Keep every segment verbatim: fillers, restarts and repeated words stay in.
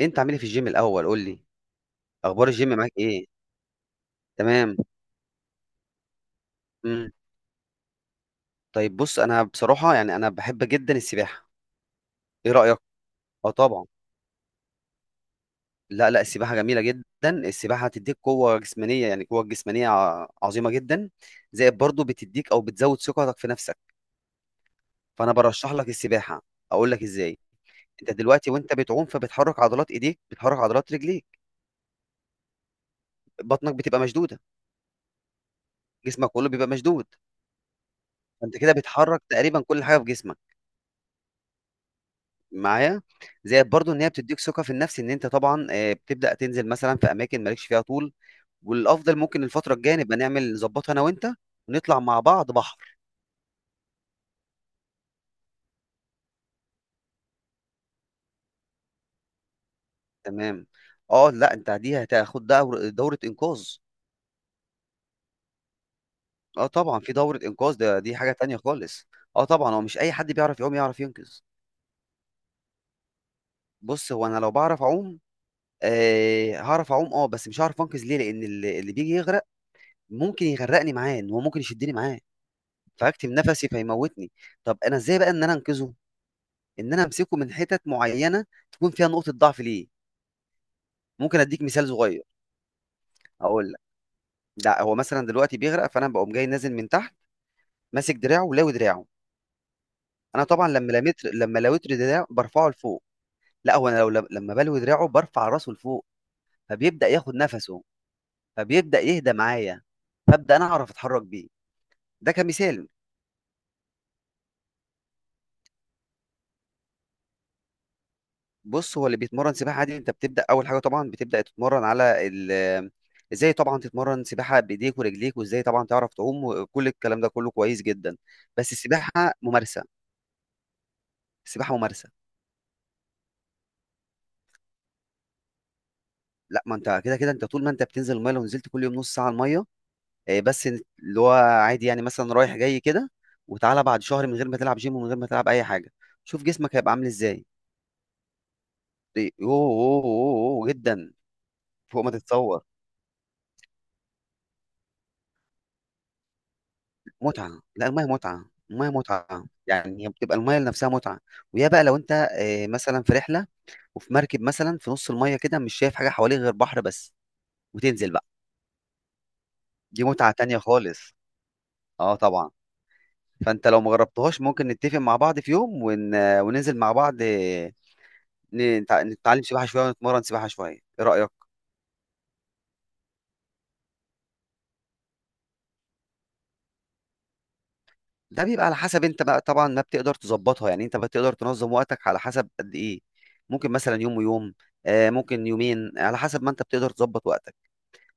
انت عامل ايه في الجيم الاول، قول لي. اخبار الجيم معاك ايه؟ تمام. مم. طيب بص، انا بصراحه يعني انا بحب جدا السباحه. ايه رايك؟ اه طبعا. لا لا، السباحه جميله جدا. السباحه هتديك قوه جسمانيه، يعني قوه جسمانيه ع- عظيمه جدا. زائد برضو بتديك او بتزود ثقتك في نفسك. فانا برشح لك السباحه. اقول لك ازاي. انت دلوقتي وانت بتعوم، فبتحرك عضلات ايديك، بتحرك عضلات رجليك. بطنك بتبقى مشدوده. جسمك كله بيبقى مشدود. فانت كده بتحرك تقريبا كل حاجه في جسمك. معايا؟ زائد برضو ان هي بتديك ثقه في النفس، ان انت طبعا آه، بتبدا تنزل مثلا في اماكن مالكش فيها طول. والافضل ممكن الفتره الجايه نبقى نعمل نظبطها انا وانت، ونطلع مع بعض بحر. تمام. اه لا، انت دي هتاخد دور دوره انقاذ. اه طبعا في دوره انقاذ، ده دي حاجه تانية خالص. اه طبعا، هو مش اي حد بيعرف يعوم يعرف ينقذ. بص، هو انا لو بعرف اعوم، آه هعرف اعوم، اه، بس مش هعرف انقذ ليه؟ لان اللي اللي بيجي يغرق ممكن يغرقني معاه، ان هو ممكن يشدني معاه. فهكتم نفسي فيموتني. طب انا ازاي بقى ان انا انقذه؟ ان انا امسكه من حتت معينه تكون فيها نقطه ضعف ليه. ممكن اديك مثال صغير. اقول لك. لا، هو مثلا دلوقتي بيغرق، فانا بقوم جاي نازل من تحت، ماسك دراعه ولاوي دراعه. انا طبعا لما لميت لما لويت دراعه برفعه لفوق. لا، هو انا لو لما بلوي دراعه برفع راسه لفوق، فبيبدا ياخد نفسه، فبيبدا يهدى معايا، فابدا انا اعرف اتحرك بيه. ده كمثال. بص، هو اللي بيتمرن سباحة عادي، انت بتبدأ أول حاجة طبعا بتبدأ تتمرن على ال ازاي طبعا تتمرن سباحة بإيديك ورجليك، وازاي طبعا تعرف تعوم، وكل الكلام ده كله كويس جدا. بس السباحة ممارسة. السباحة ممارسة. لا، ما انت كده كده انت طول ما انت بتنزل المية، لو نزلت كل يوم نص ساعة المية، آه، بس اللي هو عادي يعني مثلا رايح جاي كده، وتعالى بعد شهر من غير ما تلعب جيم ومن غير ما تلعب أي حاجة، شوف جسمك هيبقى عامل ازاي. يوه يوه يوه يوه، جدا. فوق ما تتصور. متعة، لا المية متعة. المية متعة، يعني هي بتبقى المية نفسها متعة. ويا بقى لو انت آه، مثلا في رحلة وفي مركب مثلا في نص المية كده، مش شايف حاجة حواليك غير بحر بس، وتنزل بقى، دي متعة تانية خالص. اه طبعا. فانت لو مجربتهاش، ممكن نتفق مع بعض في يوم، ون... وننزل مع بعض، آه، نتع- نتعلم سباحة شوية ونتمرن سباحة شوية. ايه رأيك؟ ده بيبقى على حسب انت بقى، طبعا ما بتقدر تظبطها، يعني انت بتقدر تنظم وقتك على حسب قد ايه. ممكن مثلا يوم ويوم، آه، ممكن يومين، على حسب ما انت بتقدر تظبط وقتك.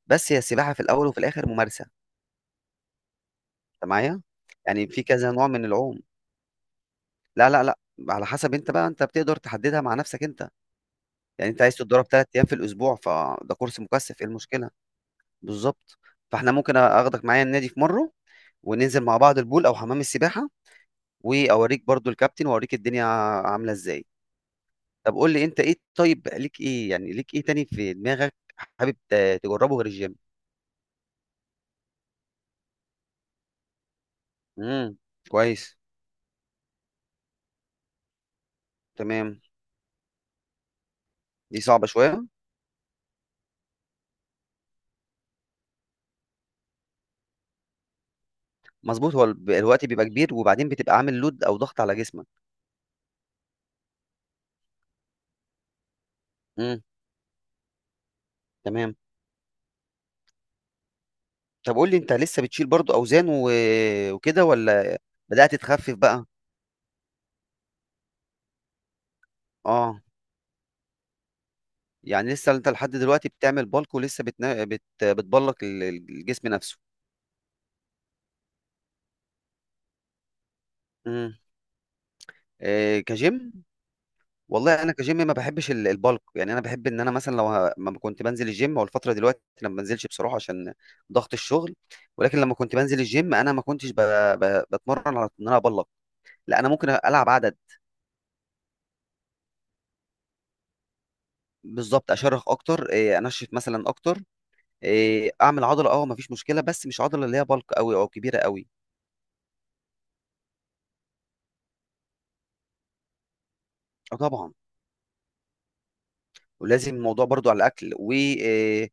بس هي السباحة في الأول وفي الآخر ممارسة. أنت معايا؟ يعني في كذا نوع من العوم. لا لا لا. على حسب أنت بقى، أنت بتقدر تحددها مع نفسك أنت. يعني أنت عايز تتدرب تلات أيام في الأسبوع، فده كورس مكثف، إيه المشكلة؟ بالظبط. فإحنا ممكن أخدك معايا النادي في مرة، وننزل مع بعض البول أو حمام السباحة، وأوريك برضو الكابتن وأوريك الدنيا عاملة إزاي. طب قول لي أنت إيه، طيب ليك إيه يعني، ليك إيه تاني في دماغك؟ حابب ت- تجربه غير الجيم؟ امم. كويس. تمام. دي صعبة شوية. مظبوط، هو الب- الوقت بيبقى كبير، وبعدين بتبقى عامل لود او ضغط على جسمك. امم. تمام. طب قول لي، انت لسه بتشيل برضو اوزان و... وكده، ولا بدأت تخفف بقى؟ اه. يعني لسه انت لحد دلوقتي بتعمل بالك، ولسه بتنا... بت... بتبلك ال- ال- الجسم نفسه. امم. إيه كجيم؟ والله انا كجيم ما بحبش ال- البلك، يعني انا بحب ان انا مثلا لو ه- ما كنت بنزل الجيم، او الفتره دلوقتي انا ما بنزلش بصراحه عشان ضغط الشغل. ولكن لما كنت بنزل الجيم، انا ما كنتش ب... ب... بتمرن على ان انا ابلك. لا، انا ممكن العب عدد. بالظبط، اشرخ اكتر، إيه، انشف مثلا اكتر، إيه، اعمل عضله، اه مفيش مشكله، بس مش عضله اللي هي بالك قوي او كبيره قوي. اه طبعا. ولازم الموضوع برضو على الاكل و ايه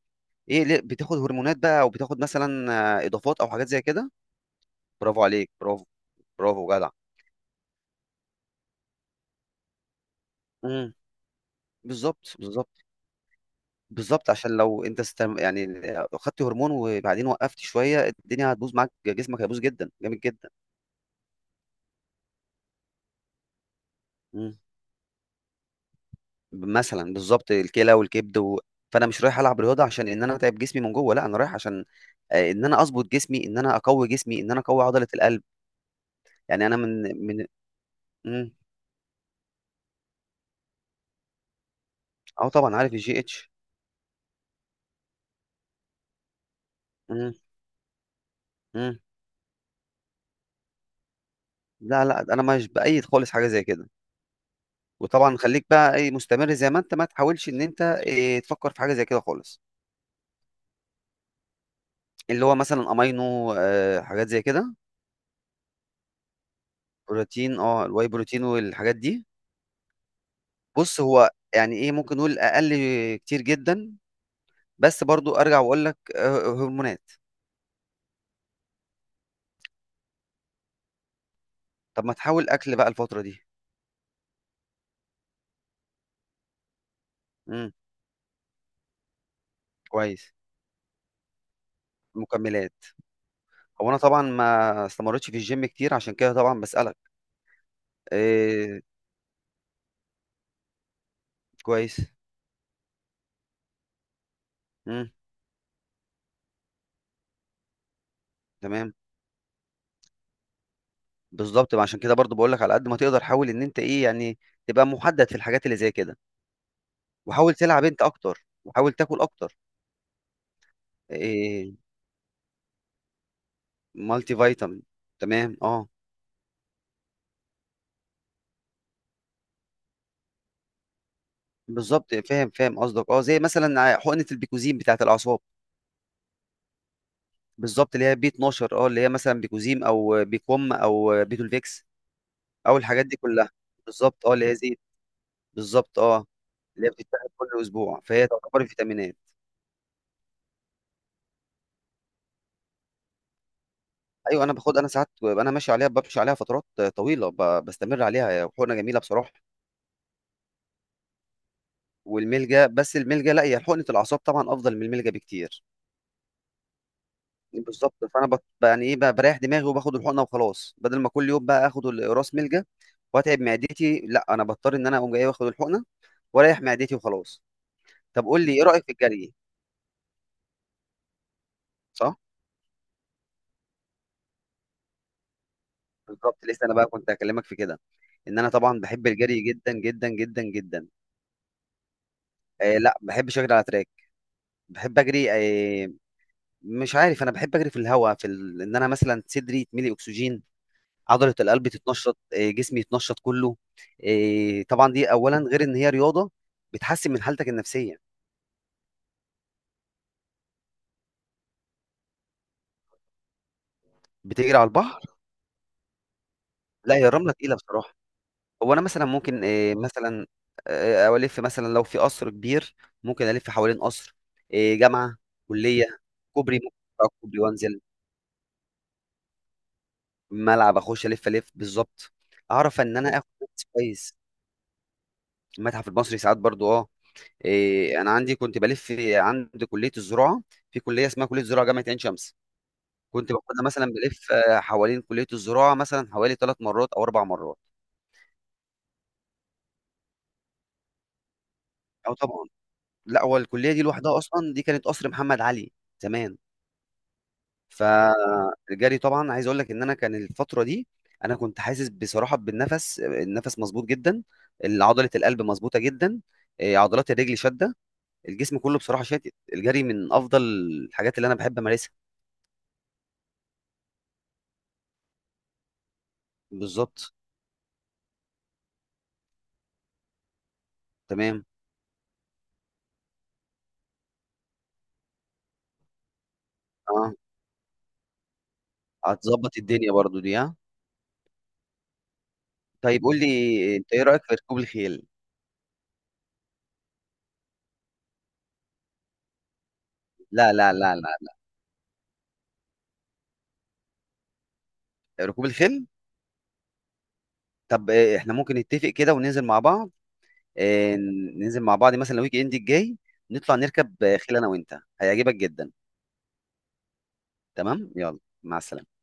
إيه، ليه- بتاخد هرمونات بقى، او بتاخد مثلا آه، اضافات او حاجات زي كده؟ برافو عليك، برافو. برافو جدع. امم بالظبط. بالظبط، بالظبط، عشان لو انت استم... يعني خدت هرمون وبعدين وقفت شويه، الدنيا هتبوظ معاك، جسمك هيبوظ جدا، جامد جدا. مم. مثلا بالظبط الكلى والكبد و... فانا مش رايح العب رياضه عشان ان انا اتعب جسمي من جوه، لا انا رايح عشان آه، ان انا اظبط جسمي، ان انا اقوي جسمي، ان انا اقوي عضله القلب. يعني انا من من. مم. اه طبعا عارف الجي اتش. مم. مم. لا لا، انا مش بايد خالص حاجه زي كده. وطبعا خليك بقى ايه مستمر زي ما انت، ما تحاولش ان انت إيه تفكر في حاجه زي كده خالص. اللي هو مثلا امينو، آه حاجات زي كده. بروتين، اه الواي بروتين والحاجات دي. بص، هو يعني ايه ممكن نقول اقل. كتير جدا. بس برضو أرجع وأقول لك آه، هرمونات. طب ما تحاول أكل بقى الفترة دي. امم. كويس. مكملات. هو أنا طبعا ما استمرتش في الجيم كتير عشان كده طبعا بسألك. إيه. كويس. امم. تمام. بالظبط، ما عشان كده برضو بقول لك على قد ما تقدر، حاول إن أنت إيه يعني تبقى محدد في الحاجات اللي زي كده، وحاول تلعب أنت أكتر وحاول تاكل أكتر. إيه. مالتي فيتامين. تمام أه. بالظبط فاهم فاهم قصدك، أه زي مثلا حقنة البيكوزين بتاعت الأعصاب. بالظبط اللي هي بي اتناشر، اه اللي هي مثلا بيكوزيم او بيكوم او بيتولفيكس، او الحاجات دي كلها. بالظبط، اه اللي هي زيت. بالظبط اه. اللي هي بتتاخد كل اسبوع، فهي تعتبر فيتامينات. ايوه انا باخد، انا ساعات ببقى انا ماشي عليها، بمشي عليها فترات طويله، ب- بستمر عليها. هي حقنه جميله بصراحه. والملجا، بس الملجا لا، هي حقنه الاعصاب طبعا افضل من الملجا بكتير. بالظبط، فانا بت... يعني ايه بقى، بريح دماغي وباخد الحقنه وخلاص، بدل ما كل يوم بقى اخد القراص ملجا واتعب معدتي. لا، انا بضطر ان انا اقوم جاي واخد الحقنه واريح معدتي وخلاص. طب قول لي، ايه رأيك في الجري؟ صح. بالظبط، لسه انا بقى كنت هكلمك في كده، ان انا طبعا بحب الجري جدا جدا جدا جدا. آه لا، بحبش اجري على تراك. بحب اجري آه مش عارف، انا بحب اجري في الهواء، في ال... ان انا مثلا صدري يتملي اكسجين، عضلة القلب تتنشط، آه جسمي يتنشط كله. آه طبعا دي اولا، غير ان هي رياضة بتحسن من حالتك النفسية. بتجري على البحر؟ لا، هي الرملة تقيلة بصراحة. هو انا مثلا ممكن إيه مثلا، آه، الف مثلا لو في قصر كبير، ممكن الف حوالين قصر، إيه جامعه، كليه، كوبري. ممكن أطلع كوبري وانزل، ملعب اخش الف الف بالظبط. اعرف ان انا اخد نفس كويس. المتحف المصري ساعات برضو اه إيه انا عندي كنت بلف عند كليه الزراعه، في كليه اسمها كليه الزراعه جامعه عين شمس. كنت باخدها مثلا بلف آه، حوالين كليه الزراعه مثلا حوالي ثلاث مرات او اربع مرات. او طبعا. لا، هو الكليه دي لوحدها اصلا دي كانت قصر محمد علي زمان. فالجري طبعا عايز اقول لك، ان انا كان الفتره دي انا كنت حاسس بصراحه بالنفس، النفس مظبوط جدا، عضله القلب مظبوطه جدا، إيه، عضلات الرجل شاده، الجسم كله بصراحه شاتت. الجري من افضل الحاجات اللي انا بحب امارسها. بالظبط. تمام. اه، هتظبط الدنيا برضو دي ها. طيب قول لي، انت ايه رايك في ركوب الخيل؟ لا لا لا لا، ركوب الخيل. طب إيه، احنا ممكن نتفق كده وننزل مع بعض، إيه، ننزل مع بعض مثلا الويك اند الجاي، نطلع نركب آه، خيل انا وانت، هيعجبك جدا. تمام يلا، مع السلامة.